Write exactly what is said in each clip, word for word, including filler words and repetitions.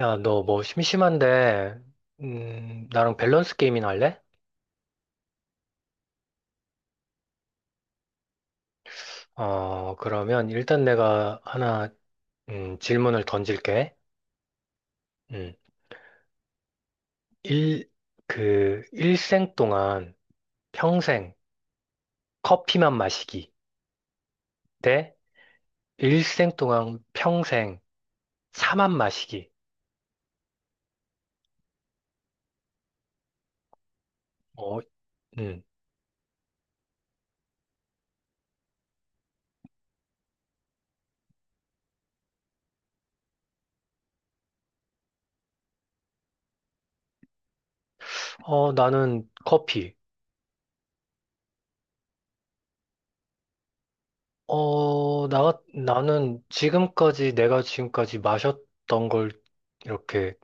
야, 너 뭐 심심한데, 음, 나랑 밸런스 게임이나 할래? 어, 그러면 일단 내가 하나, 음, 질문을 던질게. 음, 일, 그, 일생 동안 평생 커피만 마시기 대 일생 동안 평생 차만 마시기. 어, 음, 어, 나는 커피. 어, 나, 나는 지금까지, 내가 지금까지 마셨던 걸 이렇게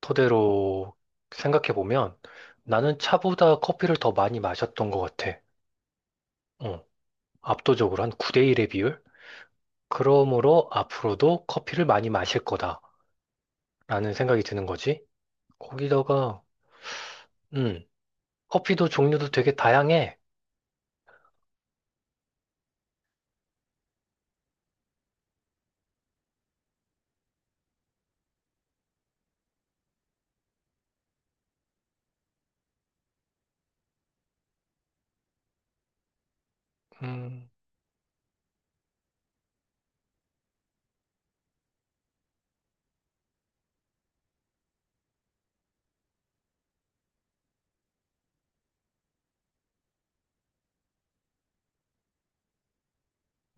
토대로 생각해 보면 나는 차보다 커피를 더 많이 마셨던 것 같아. 어, 압도적으로 한 구 대 일의 비율? 그러므로 앞으로도 커피를 많이 마실 거다라는 생각이 드는 거지. 거기다가 음, 커피도 종류도 되게 다양해. 음,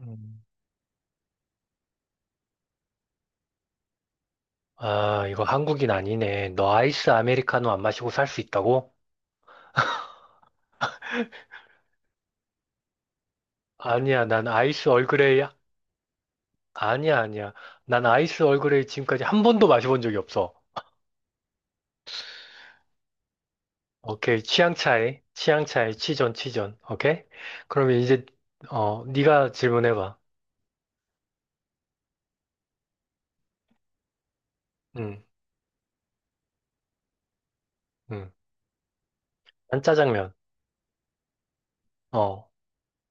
음. 아, 이거 한국인 아니네. 너 아이스 아메리카노 안 마시고 살 수 있다고? 아니야, 난 아이스 얼그레이야. 아니야, 아니야. 난 아이스 얼그레이 지금까지 한 번도 마셔본 적이 없어. 오케이. 취향 차이. 취향 차이. 치존, 치존. 오케이? 그러면 이제, 어, 네가 질문해봐. 응, 응. 난 짜장면. 어,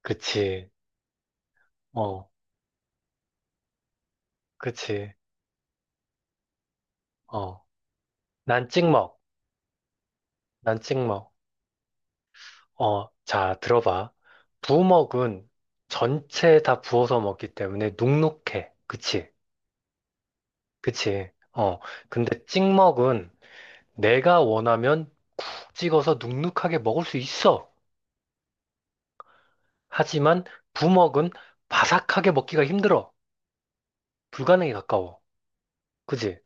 그치. 어, 그치. 어, 난 찍먹. 난 찍먹. 어, 자, 들어봐. 부먹은 전체 다 부어서 먹기 때문에 눅눅해. 그치? 그치? 어, 근데 찍먹은 내가 원하면 쿡 찍어서 눅눅하게 먹을 수 있어. 하지만 부먹은 바삭하게 먹기가 힘들어. 불가능에 가까워. 그지?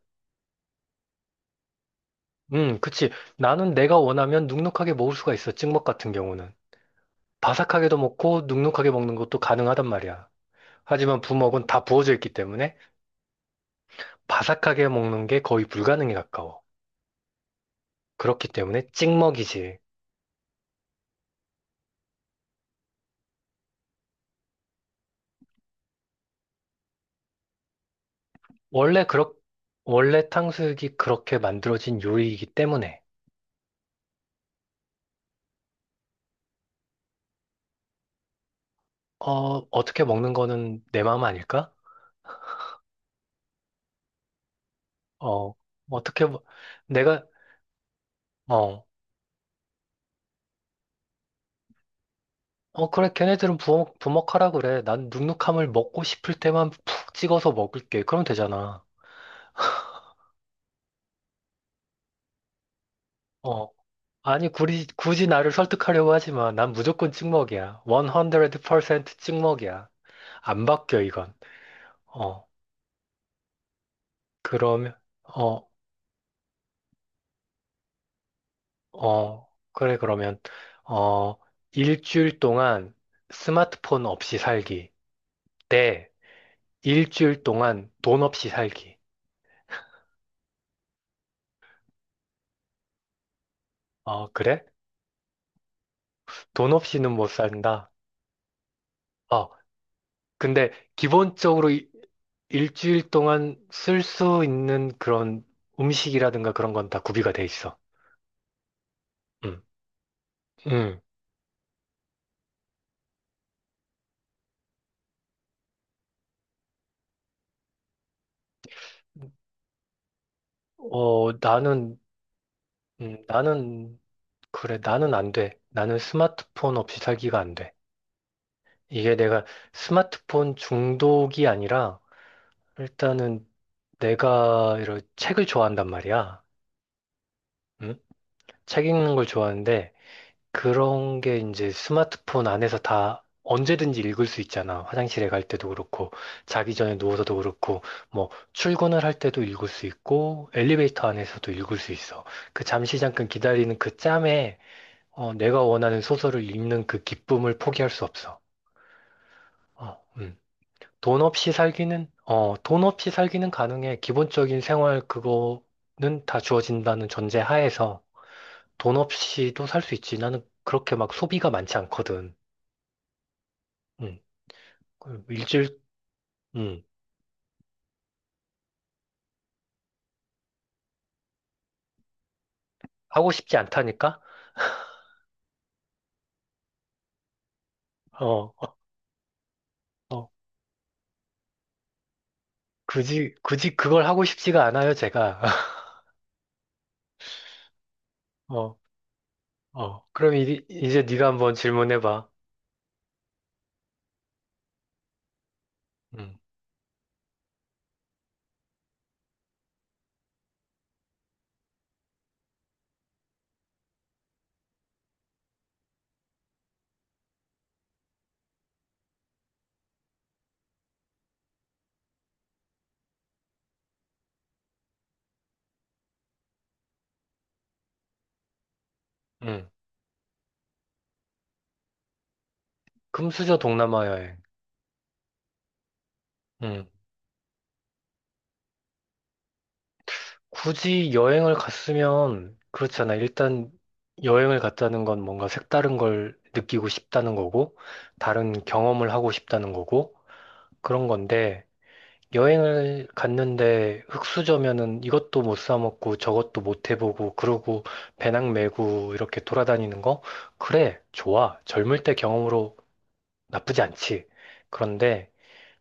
음, 그치. 나는 내가 원하면 눅눅하게 먹을 수가 있어. 찍먹 같은 경우는. 바삭하게도 먹고 눅눅하게 먹는 것도 가능하단 말이야. 하지만 부먹은 다 부어져 있기 때문에 바삭하게 먹는 게 거의 불가능에 가까워. 그렇기 때문에 찍먹이지. 원래 그렇, 원래 탕수육이 그렇게 만들어진 요리이기 때문에, 어, 어떻게 먹는 거는 내 마음 아닐까? 어, 어떻게, 먹- 내가, 어, 어, 그래, 걔네들은 부먹, 부먹하라 그래. 난 눅눅함을 먹고 싶을 때만 푹 찍어서 먹을게. 그럼 되잖아. 어. 아니, 굳이, 굳이 나를 설득하려고 하지 마. 난 무조건 찍먹이야. 백 퍼센트 찍먹이야. 안 바뀌어, 이건. 어, 그러면, 어, 어, 그래, 그러면, 어, 일주일 동안 스마트폰 없이 살기. 네. 일주일 동안 돈 없이 살기. 어, 그래? 돈 없이는 못 산다. 어. 근데 기본적으로 이- 일주일 동안 쓸 수 있는 그런 음식이라든가 그런 건 다 구비가 돼 있어. 음. 음. 어, 나는, 음, 나는, 그래, 나는 안 돼. 나는 스마트폰 없이 살기가 안 돼. 이게 내가 스마트폰 중독이 아니라, 일단은 내가 이런 책을 좋아한단 말이야. 음? 책 읽는 걸 좋아하는데, 그런 게 이제 스마트폰 안에서 다 언제든지 읽을 수 있잖아. 화장실에 갈 때도 그렇고, 자기 전에 누워서도 그렇고, 뭐, 출근을 할 때도 읽을 수 있고, 엘리베이터 안에서도 읽을 수 있어. 그 잠시 잠깐 기다리는 그 짬에, 어, 내가 원하는 소설을 읽는 그 기쁨을 포기할 수 없어. 어, 음. 돈 없이 살기는, 어, 돈 없이 살기는 가능해. 기본적인 생활 그거는 다 주어진다는 전제 하에서 돈 없이도 살 수 있지. 나는 그렇게 막 소비가 많지 않거든. 음, 그 일주일, 음, 하고 싶지 않다니까? 어, 어, 어, 굳이, 굳이 그걸 하고 싶지가 않아요, 제가. 어, 어, 그럼 이, 이제 네가 한번 질문해봐. 음, 음, 금수저 동남아 여행. 음, 굳이 여행을 갔으면, 그렇잖아. 일단 여행을 갔다는 건 뭔가 색다른 걸 느끼고 싶다는 거고, 다른 경험을 하고 싶다는 거고, 그런 건데, 여행을 갔는데 흙수저면은 이것도 못 사 먹고 저것도 못 해보고 그러고 배낭 메고 이렇게 돌아다니는 거? 그래, 좋아. 젊을 때 경험으로 나쁘지 않지. 그런데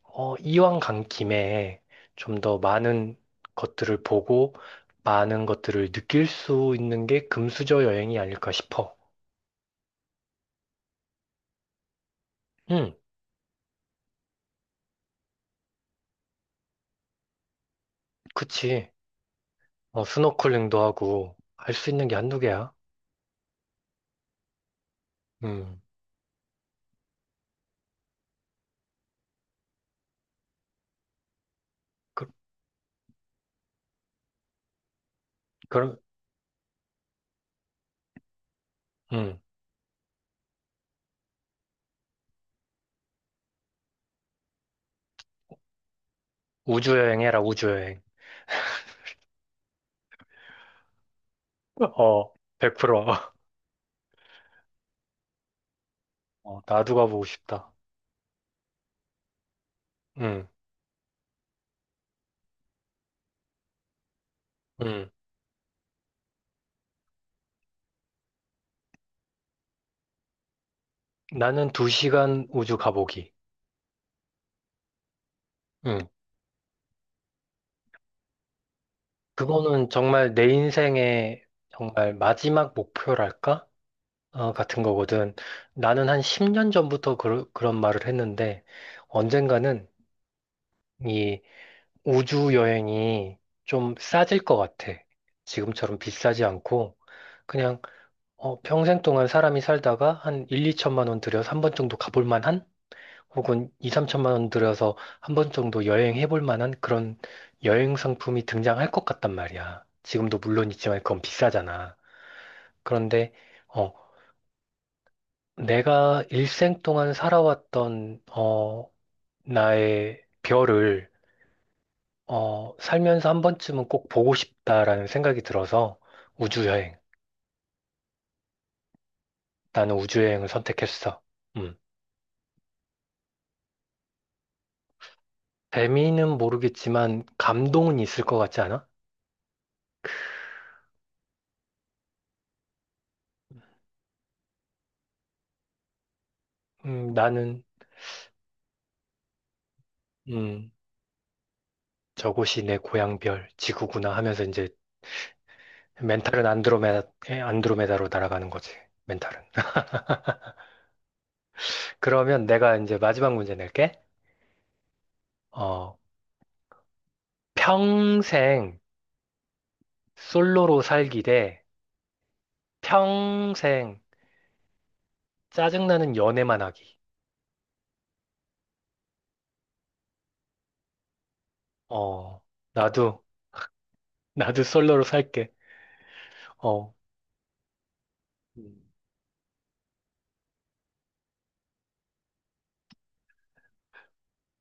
어, 이왕 간 김에 좀 더 많은 것들을 보고 많은 것들을 느낄 수 있는 게 금수저 여행이 아닐까 싶어. 응, 그치. 어, 스노클링도 하고 할 수 있는 게 한두 개야. 음, 그, 그럼, 음, 우주여행 해라, 우주여행. 어, 백 퍼센트. 어, 나도 가보고 싶다. 응, 응. 나는 두 시간 우주 가보기. 응. 그거는 정말 내 인생의 정말 마지막 목표랄까? 어, 같은 거거든. 나는 한 십 년 전부터 그, 그런 말을 했는데, 언젠가는 이 우주 여행이 좀 싸질 것 같아. 지금처럼 비싸지 않고, 그냥, 어, 평생 동안 사람이 살다가 한 일, 이천만 원 들여서 한 번 정도 가볼 만한? 혹은 이, 삼천만 원 들여서 한 번 정도 여행해 볼 만한 그런 여행 상품이 등장할 것 같단 말이야. 지금도 물론 있지만 그건 비싸잖아. 그런데 어, 내가 일생 동안 살아왔던 어, 나의 별을 어, 살면서 한 번쯤은 꼭 보고 싶다라는 생각이 들어서 우주여행. 나는 우주여행을 선택했어. 음. 재미는 모르겠지만 감동은 있을 것 같지 않아? 음, 나는 음, 저곳이 내 고향별 지구구나 하면서 이제 멘탈은 안드로메다, 에, 안드로메다로 날아가는 거지. 멘탈은. 그러면 내가 이제 마지막 문제 낼게. 어, 평생 솔로로 살기 대 평생 짜증나는 연애만 하기. 어, 나도, 나도 솔로로 살게. 어, 음.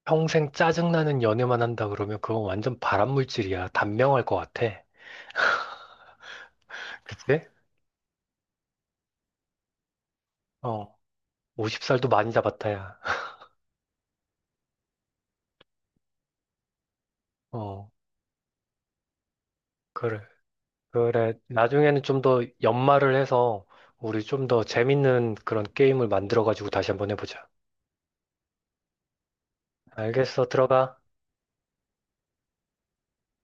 평생 짜증나는 연애만 한다 그러면 그건 완전 발암물질이야. 단명할 것 같아. 그치? 어, 오십 살도 많이 잡았다야. 어, 그래. 그래, 나중에는 좀 더 연말을 해서 우리 좀 더 재밌는 그런 게임을 만들어가지고 다시 한번 해보자. 알겠어, 들어가.